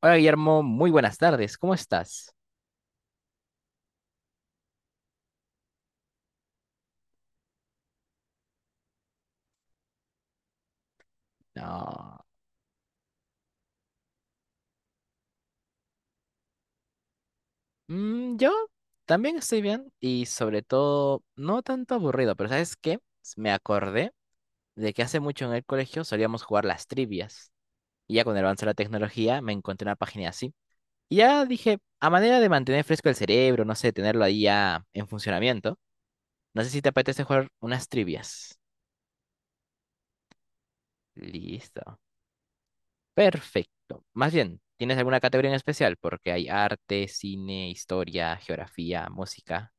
Hola Guillermo, muy buenas tardes, ¿cómo estás? No, yo también estoy bien y sobre todo no tanto aburrido, pero ¿sabes qué? Me acordé de que hace mucho en el colegio solíamos jugar las trivias y ya con el avance de la tecnología me encontré una página así. Y ya dije, a manera de mantener fresco el cerebro, no sé, tenerlo ahí ya en funcionamiento, no sé si te apetece jugar unas trivias. Listo. Perfecto. Más bien, ¿tienes alguna categoría en especial? Porque hay arte, cine, historia, geografía, música.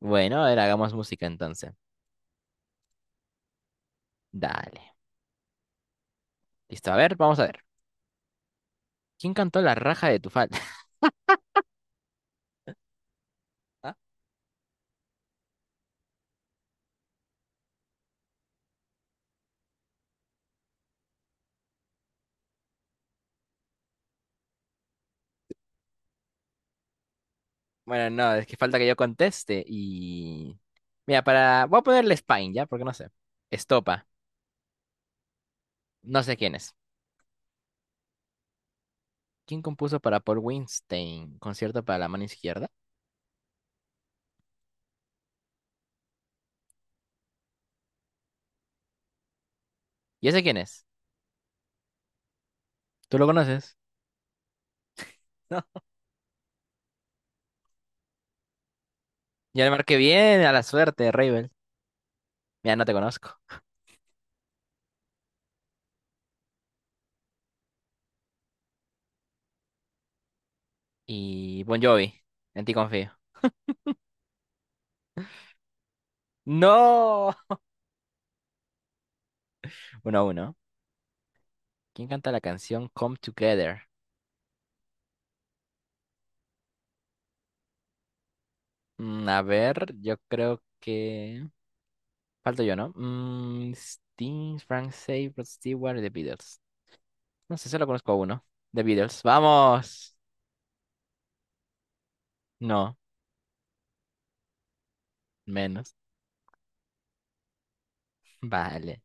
Bueno, a ver, hagamos música entonces. Dale. Listo, a ver, vamos a ver. ¿Quién cantó la raja de tu falda? Ah, bueno, no, es que falta que yo conteste y... Mira, para... Voy a ponerle Spine, ¿ya? Porque no sé. Estopa. No sé quién es. ¿Quién compuso para Paul Weinstein? Concierto para la mano izquierda. ¿Y ese quién es? ¿Tú lo conoces? No. Ya le marqué bien a la suerte, Ravel. Mira, no te conozco. Y Bon Jovi. En ti confío. ¡No! Uno a uno. ¿Quién canta la canción Come Together? A ver, yo creo que... Falto yo, ¿no? Sting, Frank Zappa, Rod Stewart y The Beatles. No sé, solo conozco a uno. The Beatles. ¡Vamos! No, menos. Vale.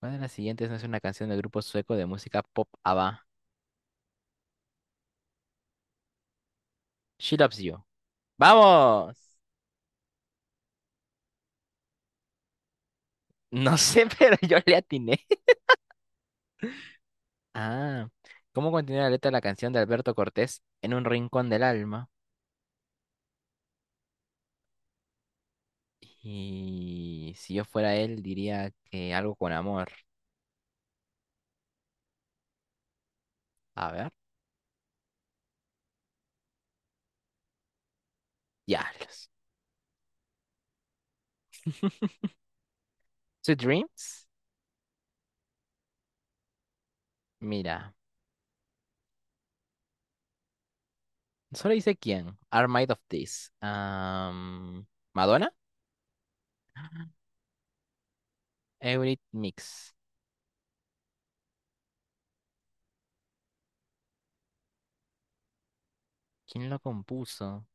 ¿Cuál de las siguientes no es una canción del grupo sueco de música pop ABBA? She Loves You. ¡Vamos! No sé, pero yo le atiné. Ah, ¿cómo continúa la letra de la canción de Alberto Cortés en un rincón del alma? Y si yo fuera él, diría que algo con amor. A ver, diablos. ¿Sweet Dreams? Mira, solo dice quién. Are Made of This. ¿Madonna? Eurythmics. ¿Quién lo compuso?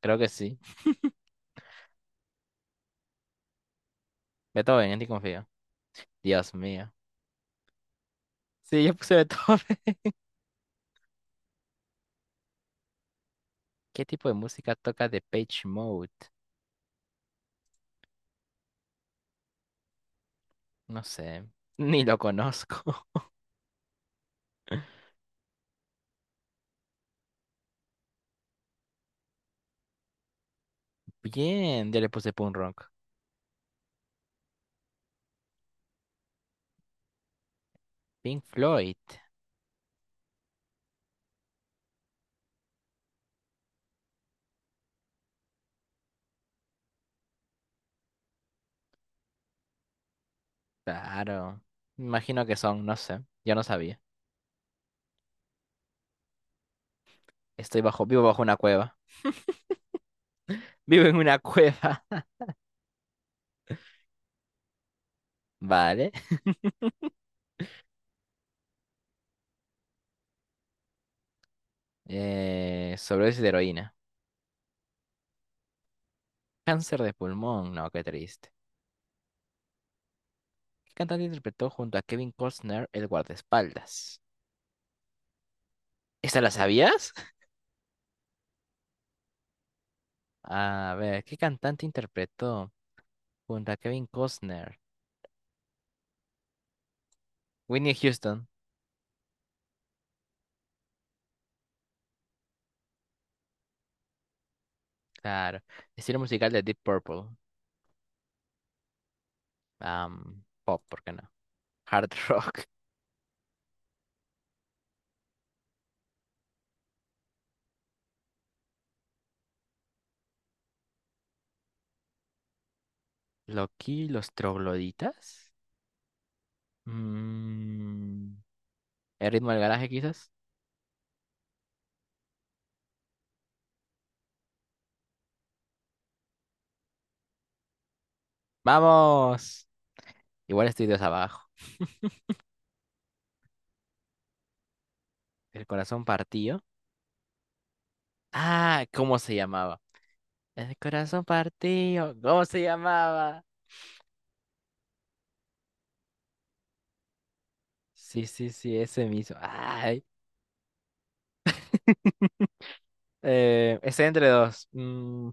Creo que sí. Beethoven, en ti confío. Dios mío. Sí, yo puse Beethoven. ¿Qué tipo de música toca The Page Mode? No sé, ni lo conozco. Bien, yo le puse punk rock. Pink Floyd. Claro. Imagino que son, no sé. Yo no sabía. Estoy bajo, vivo bajo una cueva. Vivo en una cueva. Vale. Sobredosis de heroína. Cáncer de pulmón. No, qué triste. ¿Qué cantante interpretó junto a Kevin Costner el guardaespaldas? ¿Esta la sabías? A ver, ¿qué cantante interpretó junto a Kevin Costner? Whitney Houston. Claro. Estilo musical de Deep Purple. Pop, ¿por qué no? Hard rock. Loki, los trogloditas. Mm, El ritmo del garaje, quizás. ¡Vamos! Igual estoy dos abajo. El corazón partido. Ah, ¿cómo se llamaba? El corazón partido. ¿Cómo se llamaba? Sí, sí, sí, ese mismo. Ay. Ese entre dos.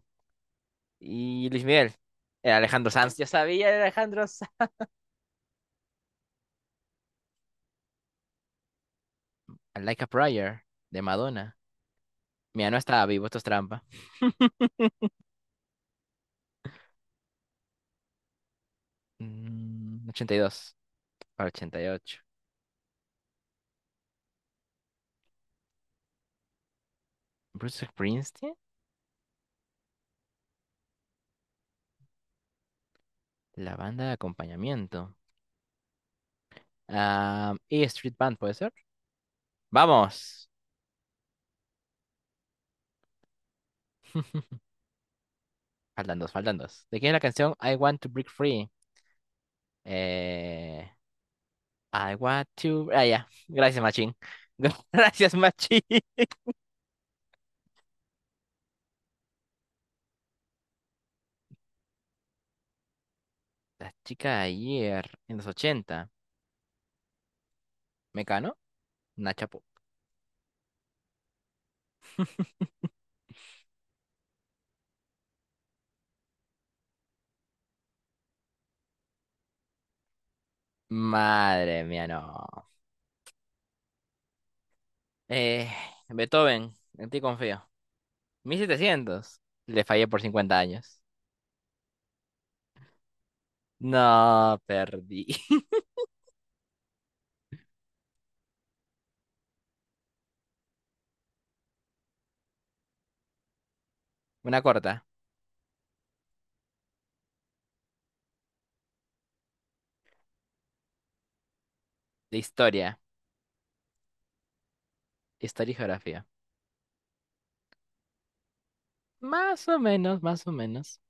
Y Luis Miguel. Alejandro Sanz. Yo sabía, era Alejandro Sanz. Like a Prayer, de Madonna. Mira, no estaba vivo, esto es trampa. 82 para 88. Bruce Springsteen, la banda de acompañamiento. Ah, y Street Band, ¿puede ser? ¡Vamos! Faltan dos, faltan dos. ¿De quién es la canción I Want to Break Free? Eh, I want to. Ah, ya. Gracias, Machín. Gracias, Machín. La chica de ayer, en los ochenta. ¿Mecano? Nachapo. Madre mía, no. Eh, Beethoven, en ti confío. 1700. Le fallé por 50 años. No, perdí. Una corta. De historia, historia y geografía. Más o menos, más o menos.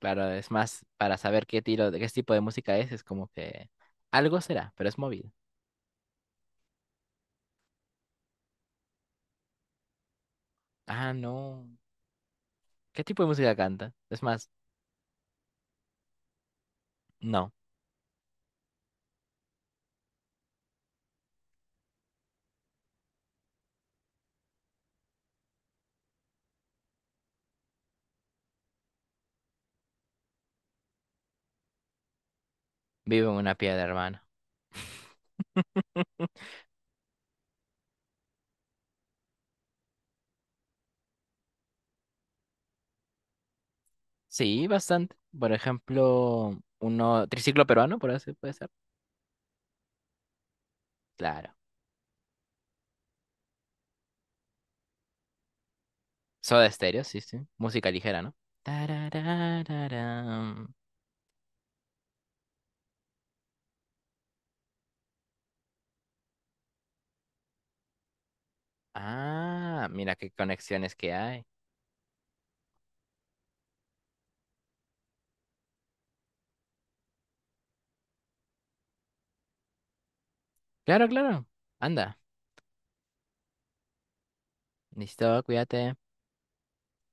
Claro, es más para saber qué tiro, de qué tipo de música es como que algo será, pero es movido. Ah, no. ¿Qué tipo de música canta? Es más, no. Vivo en una piedra, hermano. Sí, bastante. Por ejemplo, uno triciclo peruano, por así puede ser. Claro. Soda Stereo, sí, sí. Música ligera, ¿no? Tarararararam. Ah, mira qué conexiones que hay. Claro, claro. Anda, listo, cuídate.